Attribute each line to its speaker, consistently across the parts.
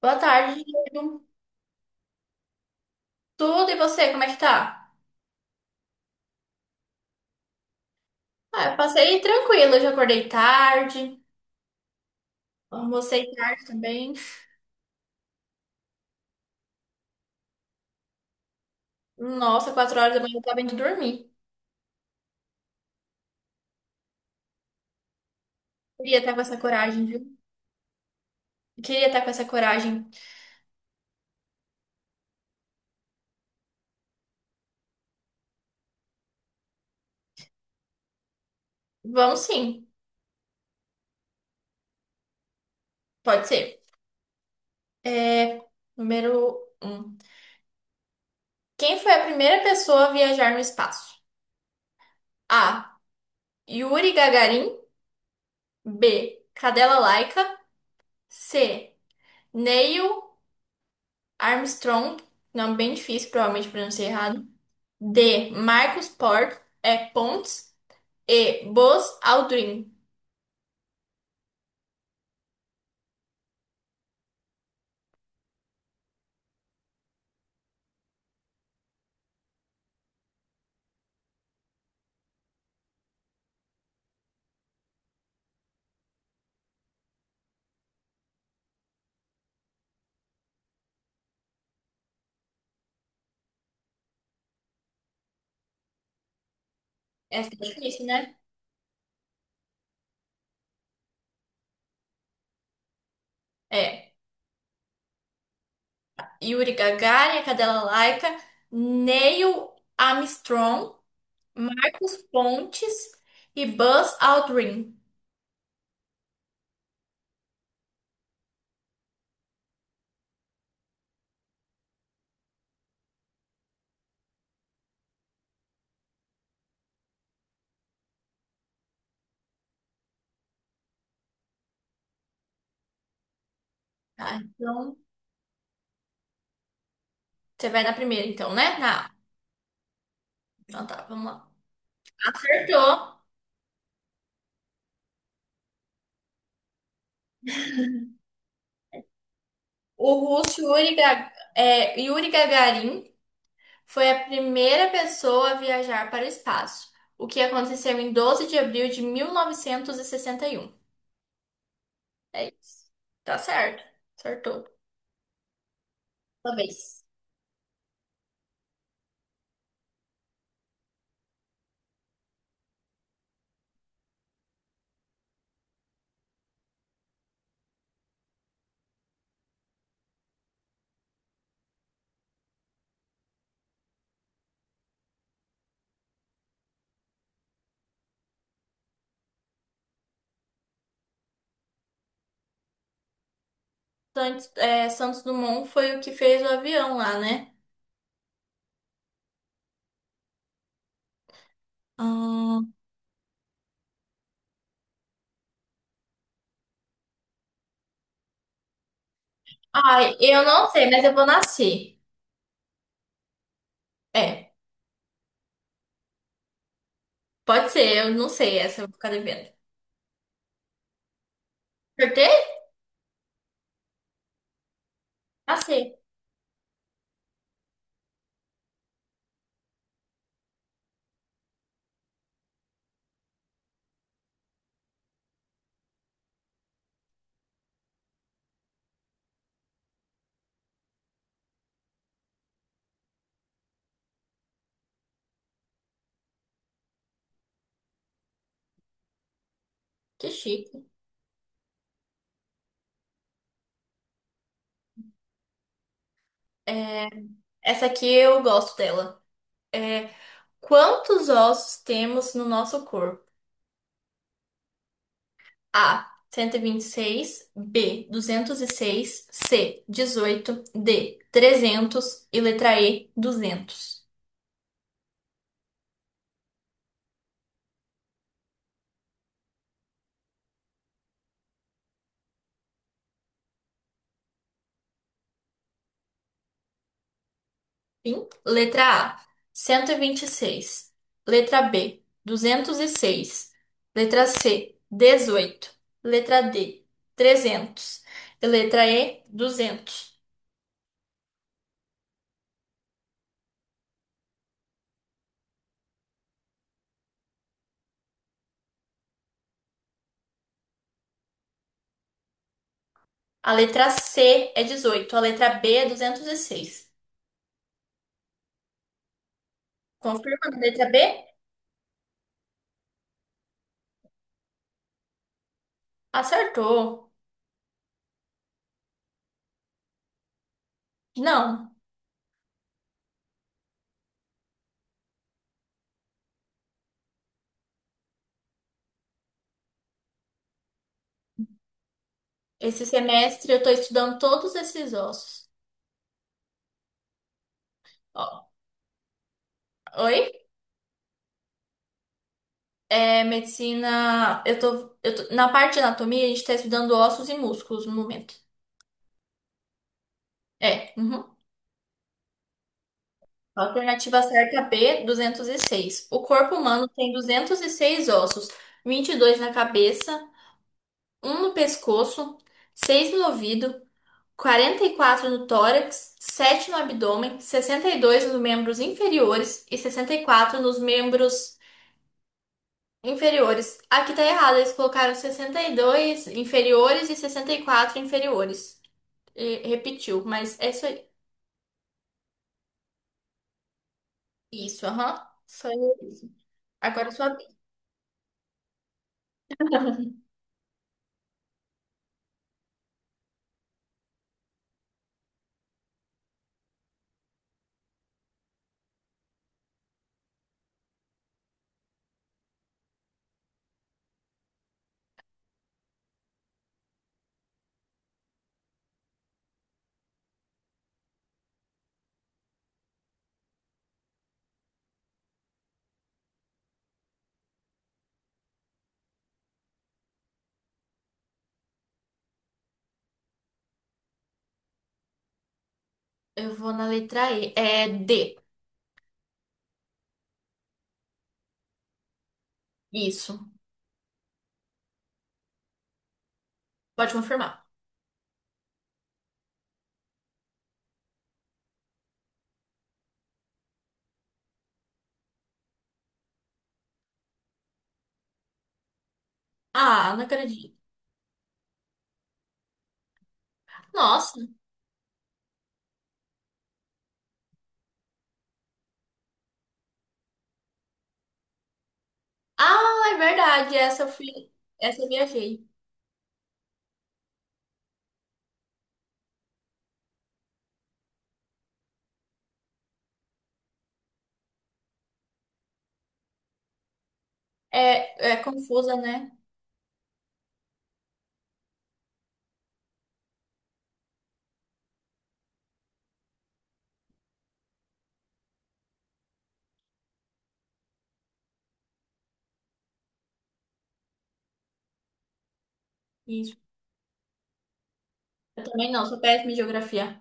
Speaker 1: Boa tarde, Diego. Tudo e você, como é que tá? Ah, eu passei tranquilo, eu já acordei tarde, almocei tarde também. Nossa, 4 horas da manhã eu tava indo dormir. Queria estar com essa coragem, viu? Queria estar com essa coragem. Vamos sim, pode ser. É, número um. Quem foi a primeira pessoa a viajar no espaço? A. Yuri Gagarin. B. Cadela Laika. C. Neil Armstrong, nome bem difícil, provavelmente pronunciei errado. D. Marcos Port, é Pontes. E. Buzz Aldrin. Essa é difícil, né? É. Yuri Gagarin, a cadela Laika. Neil Armstrong, Marcos Pontes e Buzz Aldrin. Tá, então, você vai na primeira, então, né? Na A. Então tá, vamos lá. Acertou. O russo Yuri Gagarin. Foi a primeira pessoa a viajar para o espaço, o que aconteceu em 12 de abril de mil novecentos e sessenta e um. É isso. Tá certo. Acertou. Talvez. Santos Dumont foi o que fez o avião lá, né? Hum. Ai, eu não sei, mas eu vou nascer. É, pode ser, eu não sei essa, eu vou ficar devendo. Acertei? Nasci. Que chique. É, essa aqui eu gosto dela. É, quantos ossos temos no nosso corpo? A. Cento e vinte e seis. B. 206. C. 18. D. 300. E letra E. 200. Fim. Letra A. Cento e vinte e seis. Letra B. 206. Letra C. 18. Letra D. 300. E letra E. 200. A letra C é 18. A letra B é 206. Confirma a letra B? Acertou. Não. Esse semestre eu estou estudando todos esses ossos. Ó. Oi? É, medicina. Na parte de anatomia, a gente está estudando ossos e músculos no momento. É. Uhum. Alternativa certa B, 206. O corpo humano tem 206 ossos, 22 na cabeça, um no pescoço, seis no ouvido, 44 no tórax, sete no abdômen, 62 nos membros inferiores e 64 nos membros inferiores. Aqui tá errado, eles colocaram 62 inferiores e 64 inferiores. E repetiu, mas é isso aí. Isso, aham. Só isso. Agora sua vez. Eu vou na letra E. É D. Isso. Pode confirmar. Ah, não acredito. Nossa. Ah, é verdade. Essa eu fui. Essa eu viajei. É, é confusa, né? Isso. Eu também não, sou péssima em geografia.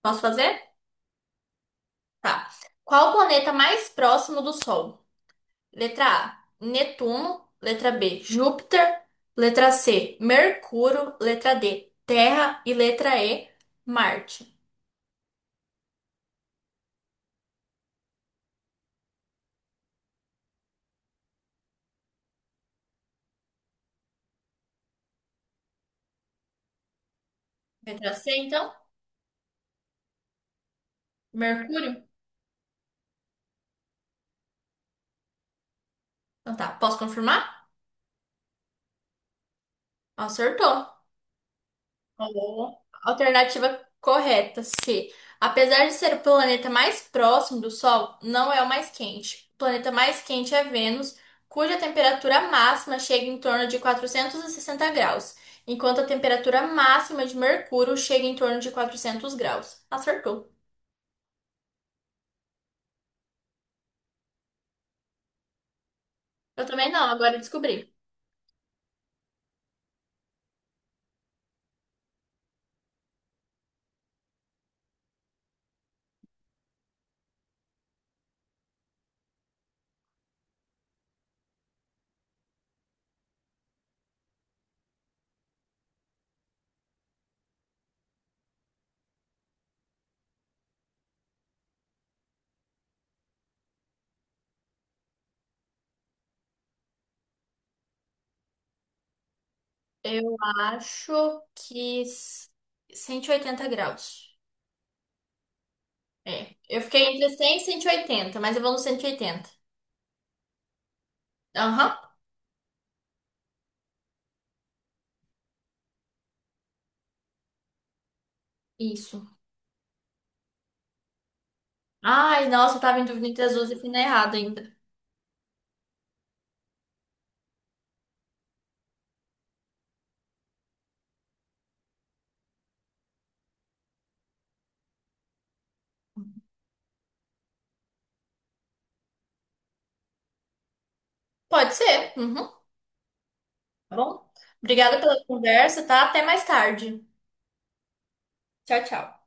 Speaker 1: Posso fazer? Tá. Qual o planeta mais próximo do Sol? Letra A, Netuno. Letra B, Júpiter. Letra C, Mercúrio. Letra D, Terra. E letra E, Marte. Letra C, então? Mercúrio? Então tá, posso confirmar? Acertou. Ó, alternativa correta, C. Apesar de ser o planeta mais próximo do Sol, não é o mais quente. O planeta mais quente é Vênus, cuja temperatura máxima chega em torno de 460 graus, enquanto a temperatura máxima de Mercúrio chega em torno de 400 graus. Acertou. Eu também não, agora eu descobri. Eu acho que 180 graus. É. Eu fiquei entre 100 e 180, mas eu vou no 180. Aham, isso. Ai, nossa, eu tava em dúvida entre Azul e Fina errado ainda. Pode ser. Uhum. Tá bom? Obrigada pela conversa, tá? Até mais tarde. Tchau, tchau.